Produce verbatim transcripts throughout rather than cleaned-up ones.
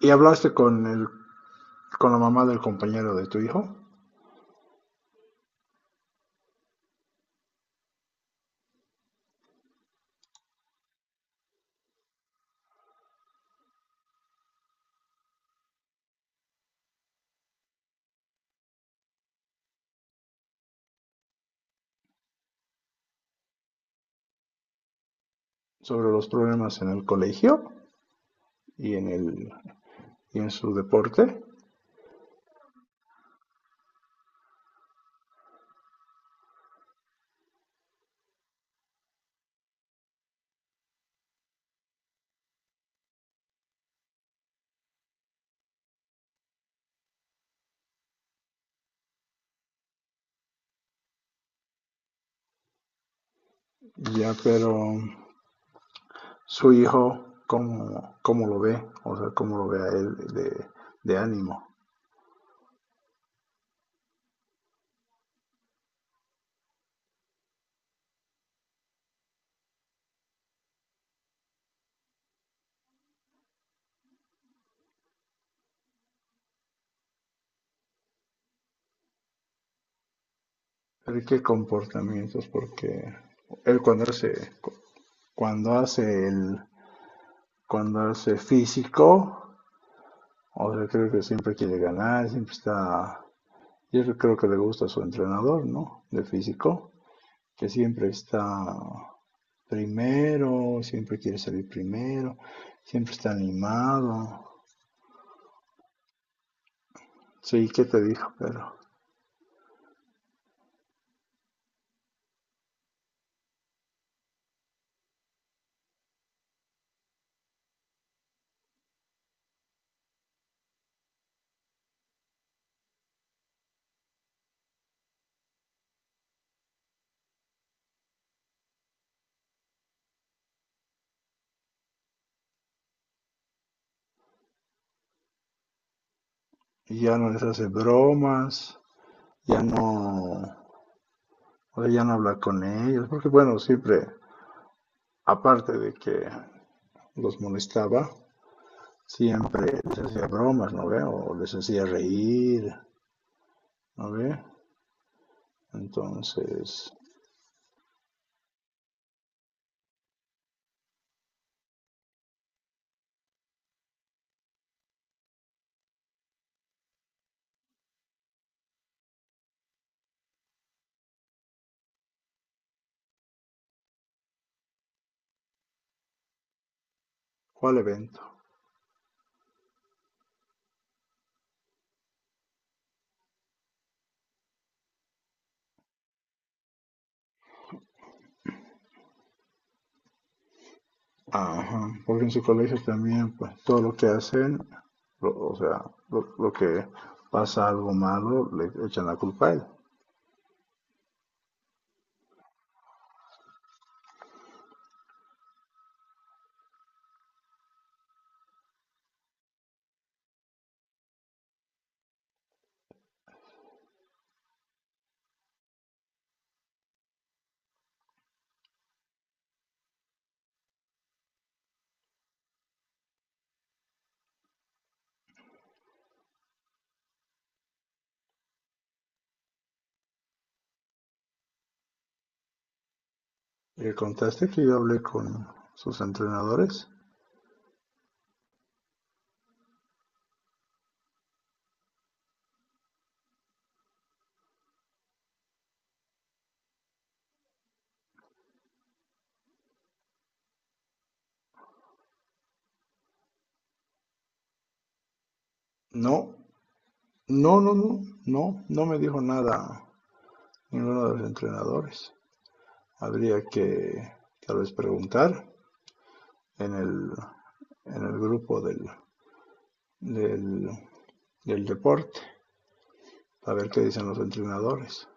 ¿Y hablaste con el, con la mamá del compañero de tu hijo sobre los problemas en el colegio y en el y en su deporte? Ya, pero su hijo, ¿cómo, ¿cómo lo ve? O sea, ¿cómo lo ve a él de, de ánimo? ¿Pero qué comportamientos? Porque él cuando hace, cuando hace el, cuando hace físico, o sea, creo que siempre quiere ganar, siempre está, yo creo que le gusta a su entrenador, ¿no? De físico que siempre está primero, siempre quiere salir primero, siempre está animado. Sí, ¿qué te dijo? Pero ya no les hace bromas, ya no, ya no habla con ellos, porque bueno, siempre, aparte de que los molestaba, siempre les hacía bromas, ¿no ve? O les hacía reír, ¿no ve? Entonces, ¿cuál evento? Ajá, porque en su colegio también, pues todo lo que hacen, lo- o sea, lo, lo que pasa algo malo, le echan la culpa a él. ¿Le contaste que yo hablé con sus entrenadores? No, no, no, no, no, no me dijo nada ninguno de los entrenadores. Habría que tal vez preguntar en el, en el grupo del, del, del deporte, a ver qué dicen los entrenadores.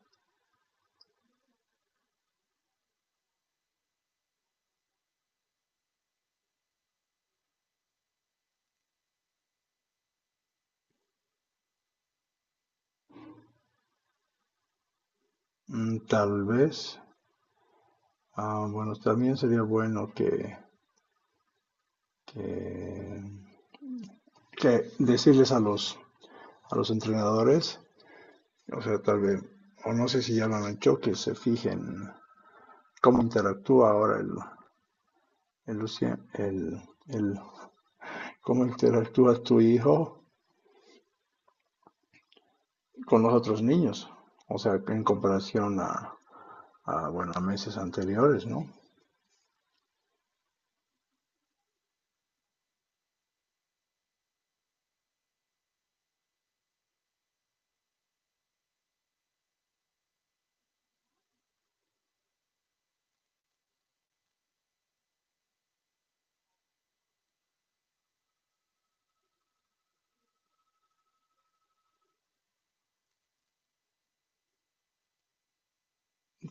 Mm, tal vez. Ah, bueno, también sería bueno que, que, que decirles a los, a los entrenadores, o sea, tal vez, o no sé si ya lo han hecho, que se fijen cómo interactúa ahora el, el, Lucien- el, el- cómo interactúa tu hijo con los otros niños, o sea, en comparación a, a, bueno, a meses anteriores, ¿no?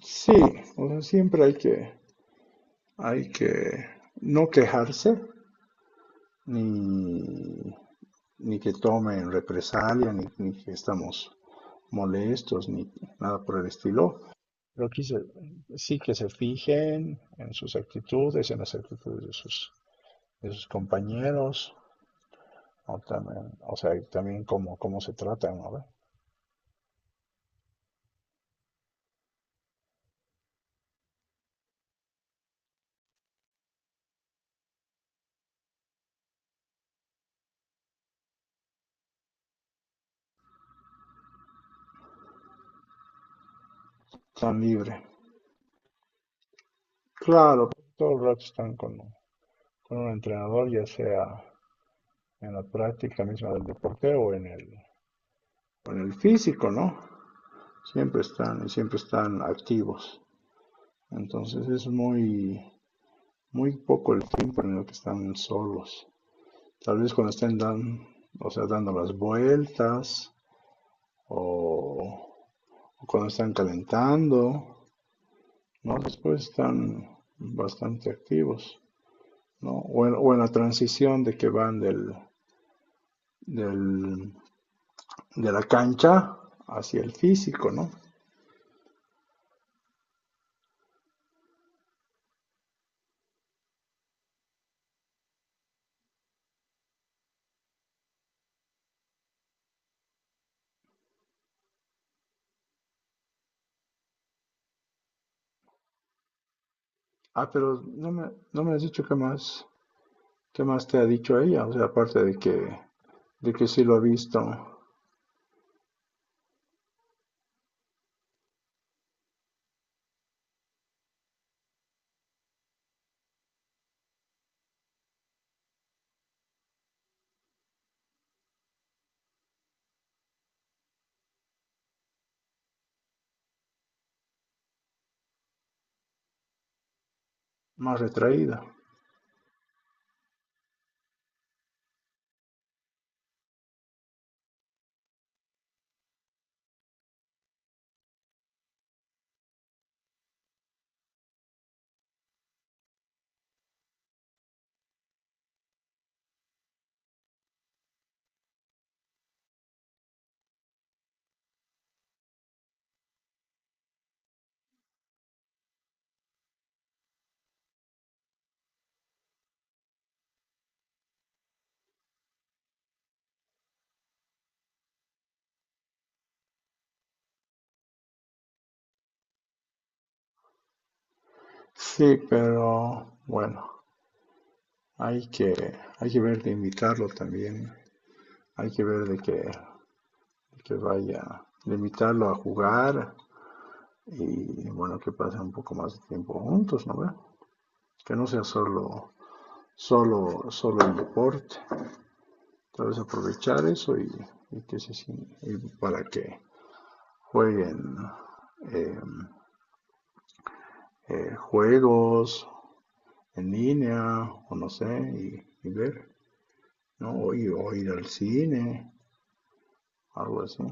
Sí, o sea, siempre hay que, hay que no quejarse ni ni que tomen represalia, ni, ni que estamos molestos, ni nada por el estilo. Pero que se- sí que se fijen en sus actitudes, en las actitudes de sus, de sus compañeros, o, también, o sea, también cómo, cómo se tratan, ¿no? Están libres. Claro, todo el rato están con, con un entrenador, ya sea en la práctica misma del deporte o en el, en el físico, ¿no? Siempre están, siempre están activos. Entonces es muy, muy poco el tiempo en el que están solos. Tal vez cuando estén dan, o sea, dando las vueltas o, o cuando están calentando, ¿no? Después están bastante activos, ¿no? O en, o en la transición de que van del, del- de la cancha hacia el físico, ¿no? Ah, pero no me, no me has dicho qué más, qué más te ha dicho ella, o sea, aparte de que, de que sí lo ha visto más retraída. Sí, pero bueno, hay que, hay que ver de invitarlo también, hay que ver de que, de que vaya, de invitarlo a jugar y bueno, que pasen un poco más de tiempo juntos, ¿no ve? Que no sea solo, solo, solo el deporte, tal vez aprovechar eso y, y que se sin- y para que jueguen eh, eh, juegos en línea o no sé, y, y ver, ¿no? O, ir- o ir al cine algo así.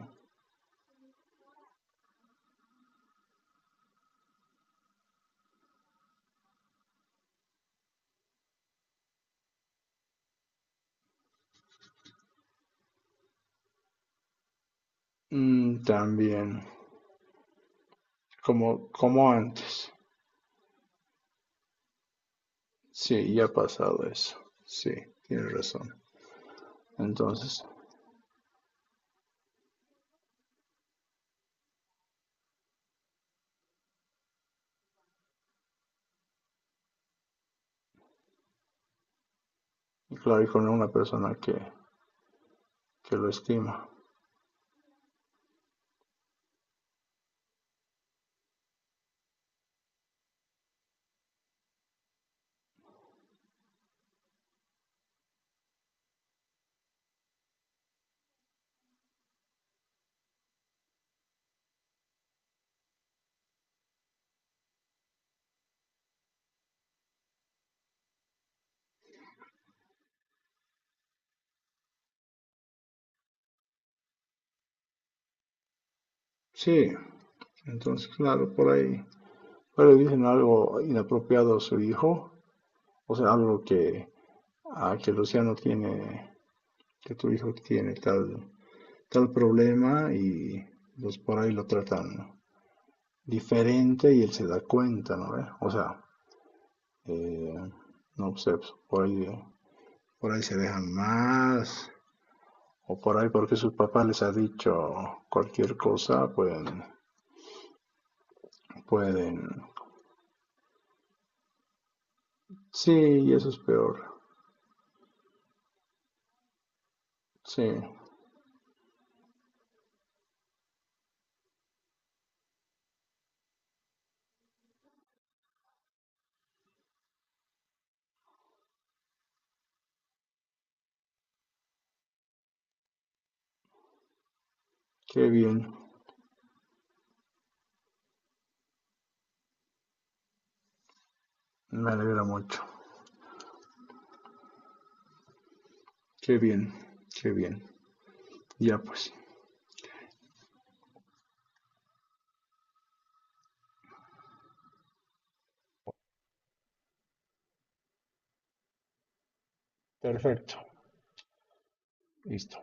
Mm, también, como, como antes. Sí, ya ha pasado eso. Sí, tienes razón. Entonces, claro, y con una persona que, que lo estima. Sí, entonces, claro, por ahí. Pero le dicen algo inapropiado a su hijo, o sea, algo que, ah, que Luciano tiene, que tu hijo tiene tal, tal problema y pues por ahí lo tratan diferente y él se da cuenta, ¿no? eh O sea, Eh, no sé, pues, por ahí, eh, por ahí se dejan más. O por ahí porque sus papás les ha dicho cualquier cosa, pueden, pueden. Sí, y eso es peor. Sí, qué bien. Me alegra mucho. Qué bien, qué bien. Ya pues. Perfecto, listo.